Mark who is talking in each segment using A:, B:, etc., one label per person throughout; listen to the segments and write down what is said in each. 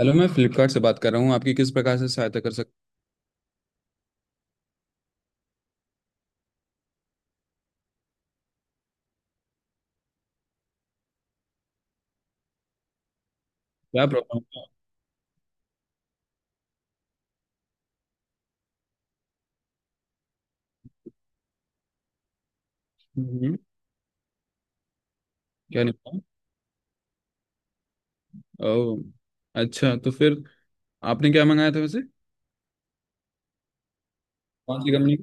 A: Hello, मैं फ्लिपकार्ट से बात कर रहा हूँ, आपकी किस प्रकार से सहायता कर सकता। क्या प्रॉब्लम है? हम्म। क्या निपटा। ओ। अच्छा, तो फिर आपने क्या मंगाया था वैसे? कौन सी कंपनी?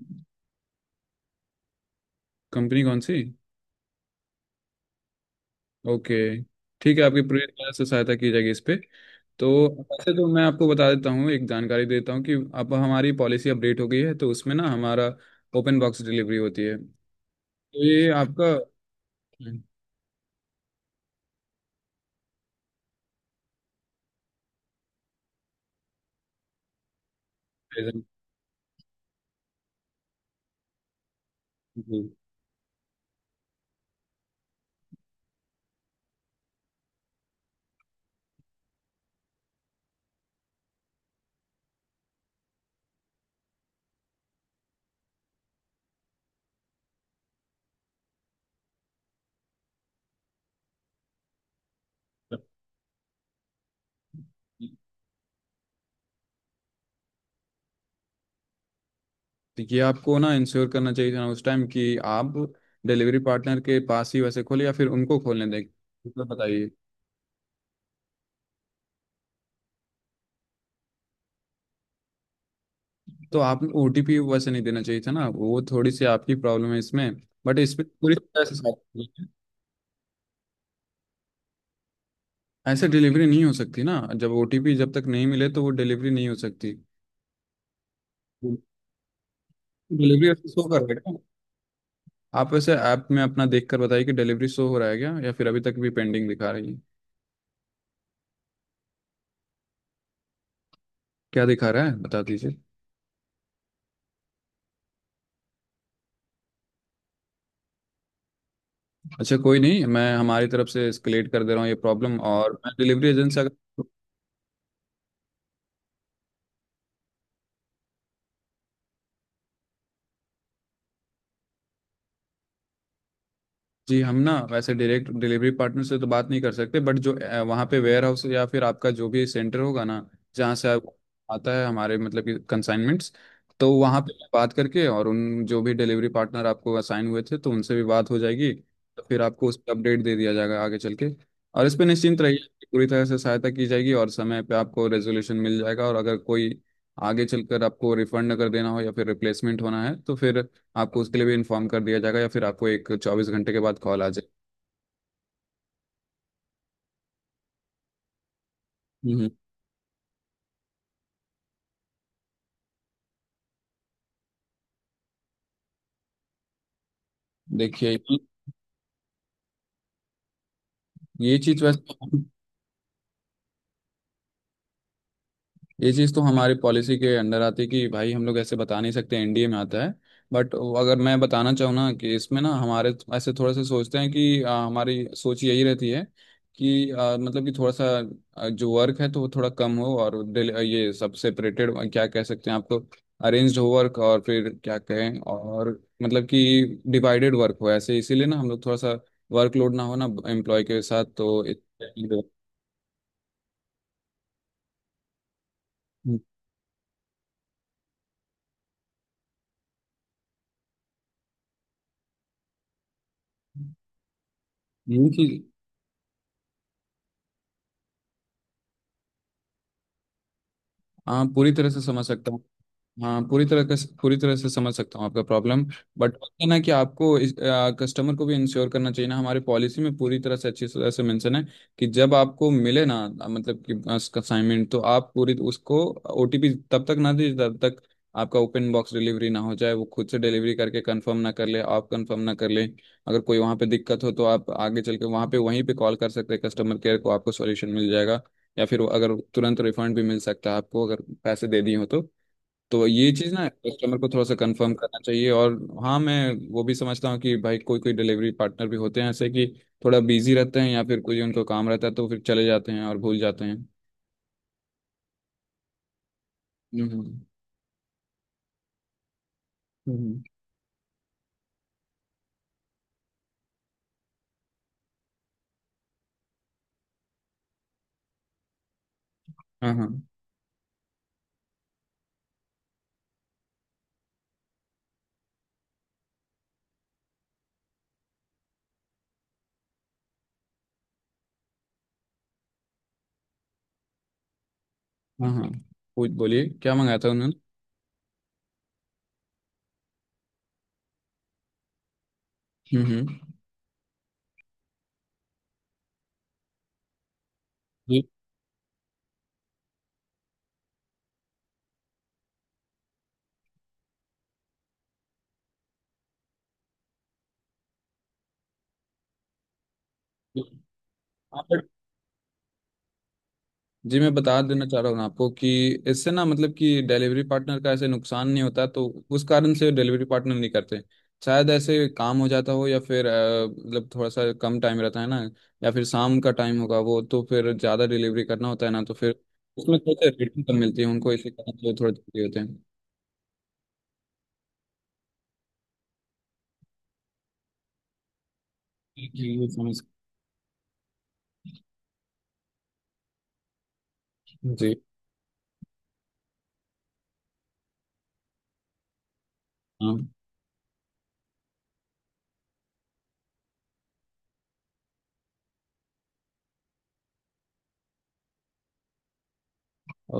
A: कंपनी कौन सी? ओके। ठीक है, आपकी पूरी तरह से सहायता की जाएगी इस पे। तो वैसे तो मैं आपको बता देता हूँ, एक जानकारी देता हूँ कि अब हमारी पॉलिसी अपडेट हो गई है तो उसमें ना हमारा ओपन बॉक्स डिलीवरी होती है। तो ये आपका। जी। तो ये आपको ना इंश्योर करना चाहिए था ना उस टाइम कि आप डिलीवरी पार्टनर के पास ही वैसे खोले या फिर उनको खोलने दें। मतलब बताइए। तो आप ओटीपी वैसे नहीं देना चाहिए था ना, वो थोड़ी सी आपकी प्रॉब्लम है इसमें। बट इस पे पूरी तरह से साथ नहीं है। ऐसे डिलीवरी नहीं हो सकती ना, जब ओटीपी जब तक नहीं मिले तो वो डिलीवरी नहीं हो सकती। डिलीवरी शो कर रहा है क्या? आप वैसे ऐप में अपना देख कर बताइए कि डिलीवरी शो हो रहा है क्या या फिर अभी तक भी पेंडिंग दिखा रही है। क्या दिखा रहा है बता दीजिए। अच्छा, कोई नहीं, मैं हमारी तरफ से एस्केलेट कर दे रहा हूँ ये प्रॉब्लम, और मैं डिलीवरी एजेंट से अगर। जी। हम ना वैसे डायरेक्ट डिलीवरी पार्टनर से तो बात नहीं कर सकते, बट जो वहाँ पे वेयर हाउस या फिर आपका जो भी सेंटर होगा ना, जहाँ से आता है हमारे मतलब कि कंसाइनमेंट्स, तो वहाँ पे मैं बात करके, और उन जो भी डिलीवरी पार्टनर आपको असाइन हुए थे तो उनसे भी बात हो जाएगी, तो फिर आपको उस पर अपडेट दे दिया जाएगा आगे चल के। और इस पे निश्चिंत रहिए कि पूरी तरह से सहायता की जाएगी और समय पे आपको रेजोल्यूशन मिल जाएगा, और अगर कोई आगे चलकर आपको रिफंड अगर देना हो या फिर रिप्लेसमेंट होना है तो फिर आपको उसके लिए भी इन्फॉर्म कर दिया जाएगा, या फिर आपको एक 24 घंटे के बाद कॉल आ जाए। हम्म। देखिए। ये चीज वैसे। ये चीज़ तो हमारी पॉलिसी के अंडर आती है कि भाई, हम लोग ऐसे बता नहीं सकते, एनडीए में आता है। बट अगर मैं बताना चाहूँ ना कि इसमें ना हमारे ऐसे थोड़ा सा सोचते हैं कि हमारी सोच यही रहती है कि मतलब कि थोड़ा सा जो वर्क है तो वो थोड़ा कम हो, और ये सब सेपरेटेड क्या कह सकते हैं आपको अरेंज्ड हो वर्क, और फिर क्या कहें, और मतलब कि डिवाइडेड वर्क हो ऐसे, इसीलिए ना हम लोग थोड़ा सा वर्कलोड ना हो ना एम्प्लॉय के साथ तो ये चीज। हाँ, पूरी तरह से समझ सकता हूँ। हाँ पूरी तरह का, पूरी तरह से समझ सकता हूँ आपका प्रॉब्लम। बट है ना कि आपको इस कस्टमर को भी इंश्योर करना चाहिए ना, हमारे पॉलिसी में पूरी तरह से अच्छी तरह से मेंशन है कि जब आपको मिले ना मतलब कि असाइनमेंट, तो आप पूरी उसको ओटीपी तब तक ना दीजिए तब तक आपका ओपन बॉक्स डिलीवरी ना हो जाए, वो खुद से डिलीवरी करके कंफर्म ना कर ले, आप कंफर्म ना कर ले। अगर कोई वहाँ पे दिक्कत हो तो आप आगे चल के वहाँ पे वहीं पे कॉल कर सकते हैं कस्टमर केयर को, आपको सॉल्यूशन मिल जाएगा। या फिर अगर तुरंत रिफंड भी मिल सकता है आपको अगर पैसे दे दिए हो तो। तो ये चीज़ ना कस्टमर को थोड़ा सा कंफर्म करना चाहिए, और हाँ, मैं वो भी समझता हूँ कि भाई कोई कोई डिलीवरी पार्टनर भी होते हैं ऐसे कि थोड़ा बिजी रहते हैं या फिर कोई उनको काम रहता है तो फिर चले जाते हैं और भूल जाते हैं। हम्म। हम्म। हाँ, हाँ। हाँ, हाँ। पूछ बोलिए क्या मंगाया था उन्होंने? हम्म। हम्म। ये- जी, मैं बता देना चाह रहा हूँ आपको कि इससे ना मतलब कि डिलीवरी पार्टनर का ऐसे नुकसान नहीं होता तो उस कारण से डिलीवरी पार्टनर नहीं करते, शायद ऐसे काम हो जाता हो, या फिर मतलब थोड़ा सा कम टाइम रहता है ना, या फिर शाम का टाइम होगा वो तो फिर ज़्यादा डिलीवरी करना होता है ना, तो फिर उसमें थोड़ी सी रेटिंग कम मिलती है उनको, इसी कारण से थोड़े जल्दी होते हैं। जी ये समझ। जी। हाँ।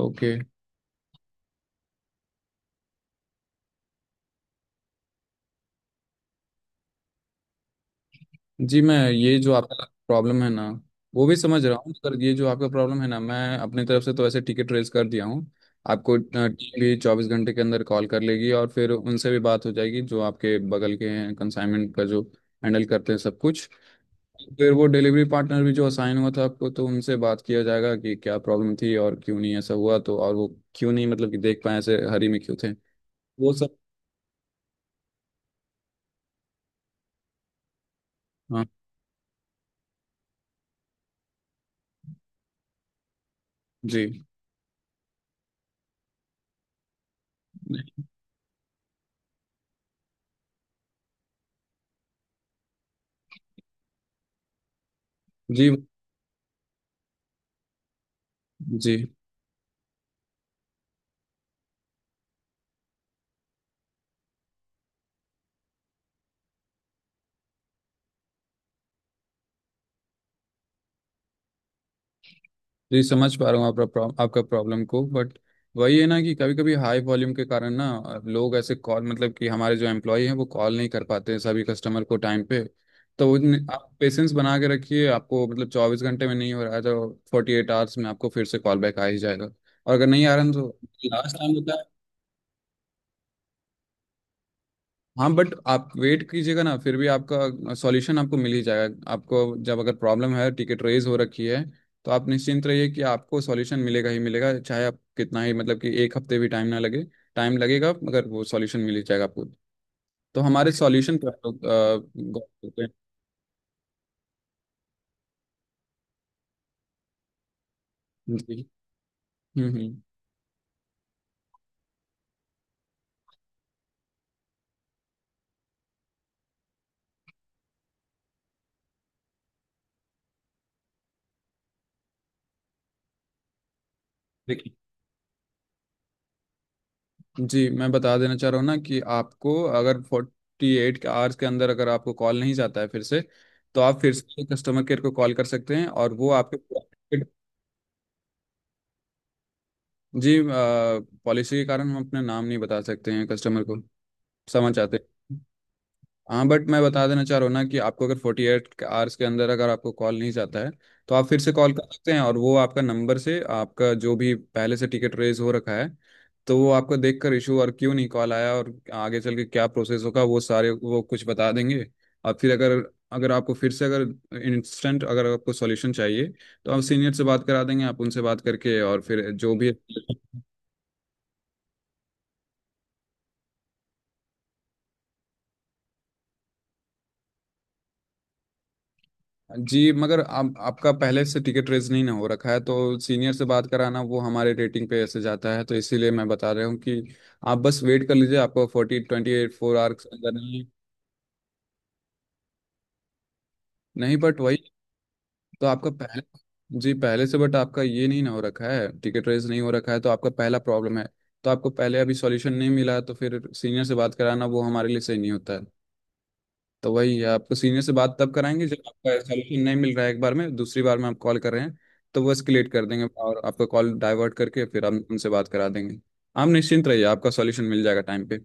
A: ओके। जी, मैं ये जो आपका प्रॉब्लम है ना वो भी समझ रहा हूँ, पर ये जो आपका प्रॉब्लम है ना, मैं अपनी तरफ से तो वैसे टिकट रेज कर दिया हूँ। आपको टीम भी 24 घंटे के अंदर कॉल कर लेगी, और फिर उनसे भी बात हो जाएगी जो आपके बगल के हैं कंसाइनमेंट का जो हैंडल करते हैं सब कुछ। फिर वो डिलीवरी पार्टनर भी जो असाइन हुआ था आपको, तो उनसे बात किया जाएगा कि क्या प्रॉब्लम थी और क्यों नहीं ऐसा हुआ तो, और वो क्यों नहीं मतलब कि देख पाए ऐसे हरी में क्यों थे वो सब। हाँ। जी जी जी। जी, समझ पा रहा हूँ आपका प्रॉब- आपका प्रॉब्लम को, बट वही है ना कि कभी कभी हाई वॉल्यूम के कारण ना लोग ऐसे कॉल, मतलब कि हमारे जो एम्प्लॉय हैं वो कॉल नहीं कर पाते हैं सभी कस्टमर को टाइम पे, तो आप पेशेंस बना के रखिए। आपको मतलब 24 घंटे में नहीं हो रहा है तो 48 आवर्स में आपको फिर से कॉल बैक आ ही जाएगा, और अगर नहीं आ रहा है, तो लास्ट टाइम। हाँ, बट आप वेट कीजिएगा ना फिर भी, आपका सॉल्यूशन आपको मिल ही जाएगा। आपको जब अगर प्रॉब्लम है, टिकट रेज हो रखी है, तो आप निश्चिंत रहिए कि आपको सॉल्यूशन मिलेगा ही मिलेगा, चाहे आप कितना ही मतलब कि एक हफ्ते भी टाइम ना लगे, टाइम लगेगा मगर वो सॉल्यूशन मिल ही जाएगा आपको। तो हमारे सॉल्यूशन पे आप लोग गौर करते हैं। जी। हम्म। हम्म। देखिए। जी, मैं बता देना चाह रहा हूँ ना कि आपको अगर 48 आवर्स के अंदर अगर आपको कॉल नहीं जाता है फिर से, तो आप फिर से कस्टमर केयर को कॉल कर सकते हैं और वो आपके। जी। पॉलिसी के कारण हम अपना नाम नहीं बता सकते हैं कस्टमर को, समझ आते हैं। हाँ, बट मैं बता देना चाह रहा हूँ ना कि आपको अगर फोर्टी एट आवर्स के अंदर अगर आपको कॉल नहीं जाता है, तो आप फिर से कॉल कर सकते हैं और वो आपका नंबर से आपका जो भी पहले से टिकट रेज हो रखा है, तो वो आपको देख कर इशू और क्यों नहीं कॉल आया और आगे चल के क्या प्रोसेस होगा, वो सारे वो कुछ बता देंगे। और फिर अगर, अगर आपको फिर से अगर इंस्टेंट अगर आपको सॉल्यूशन चाहिए, तो आप सीनियर से बात करा देंगे, आप उनसे बात करके और फिर जो भी। जी मगर आप, आपका पहले से टिकट रेज नहीं ना हो रखा है तो सीनियर से बात कराना वो हमारे रेटिंग पे ऐसे जाता है, तो इसीलिए मैं बता रहा हूँ कि आप बस वेट कर लीजिए, आपको forty twenty eight four hours अंदर नहीं। नहीं बट वही, तो आपका पहले। जी पहले से, बट आपका ये नहीं ना हो रखा है, टिकट रेज नहीं हो रखा है तो आपका पहला प्रॉब्लम है, तो आपको पहले अभी सॉल्यूशन नहीं मिला है, तो फिर सीनियर से बात कराना वो हमारे लिए सही नहीं होता है। तो वही आपको सीनियर से बात तब कराएंगे जब आपका सोल्यूशन नहीं मिल रहा है, एक बार में, दूसरी बार में आप कॉल कर रहे हैं, तो वो एस्केलेट कर देंगे और आपका कॉल डाइवर्ट करके फिर हम उनसे बात करा देंगे। आप निश्चिंत रहिए, आपका सॉल्यूशन मिल जाएगा टाइम पे।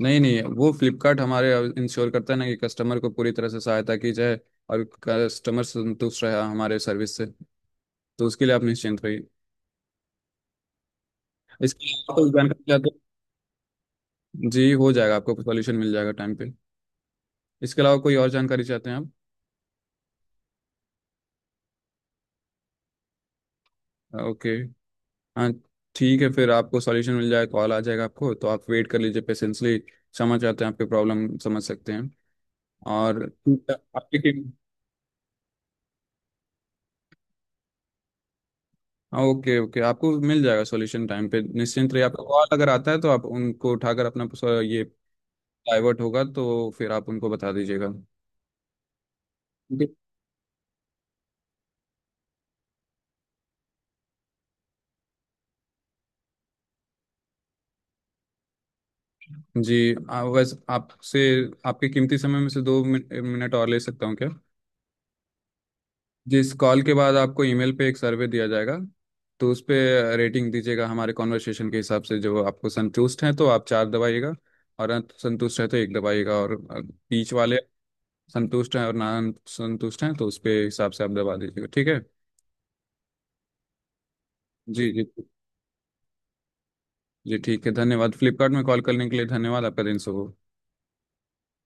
A: नहीं नहीं, वो फ्लिपकार्ट हमारे इंश्योर करता है ना कि कस्टमर को पूरी तरह से सहायता की जाए, और कस्टमर संतुष्ट रहा हमारे सर्विस से, तो उसके लिए आप निश्चिंत रहिए। इसके अलावा कोई जानकारी चाहते हैं? जी हो जाएगा, आपको सॉल्यूशन मिल जाएगा टाइम पे। इसके अलावा कोई और जानकारी चाहते हैं आप? ओके। हाँ। ठीक है फिर, आपको सॉल्यूशन मिल जाए, कॉल आ जाएगा आपको, तो आप वेट कर लीजिए पेशेंसली। क्षमा चाहते हैं, आपकी प्रॉब्लम समझ सकते हैं, और आपकी टीम। हाँ ओके, ओके, आपको मिल जाएगा सॉल्यूशन टाइम पे, निश्चिंत रहिए। आपका कॉल अगर आता है तो आप उनको उठाकर अपना ये डाइवर्ट होगा तो फिर आप उनको बता दीजिएगा। जी। जी वैसे आपसे आपके कीमती समय में से दो मिनट और ले सकता हूँ क्या? जी इस कॉल के बाद आपको ईमेल पे एक सर्वे दिया जाएगा, तो उस पे रेटिंग दीजिएगा हमारे कॉन्वर्सेशन के हिसाब से, जो आपको संतुष्ट हैं तो आप 4 दबाइएगा, और संतुष्ट है तो 1 दबाइएगा, और बीच वाले संतुष्ट हैं और ना संतुष्ट हैं तो उस पे हिसाब से आप दबा दीजिएगा, ठीक है। जी जी। जी ठीक है, धन्यवाद। फ्लिपकार्ट में कॉल करने के लिए धन्यवाद, आपका दिन शुभ हो।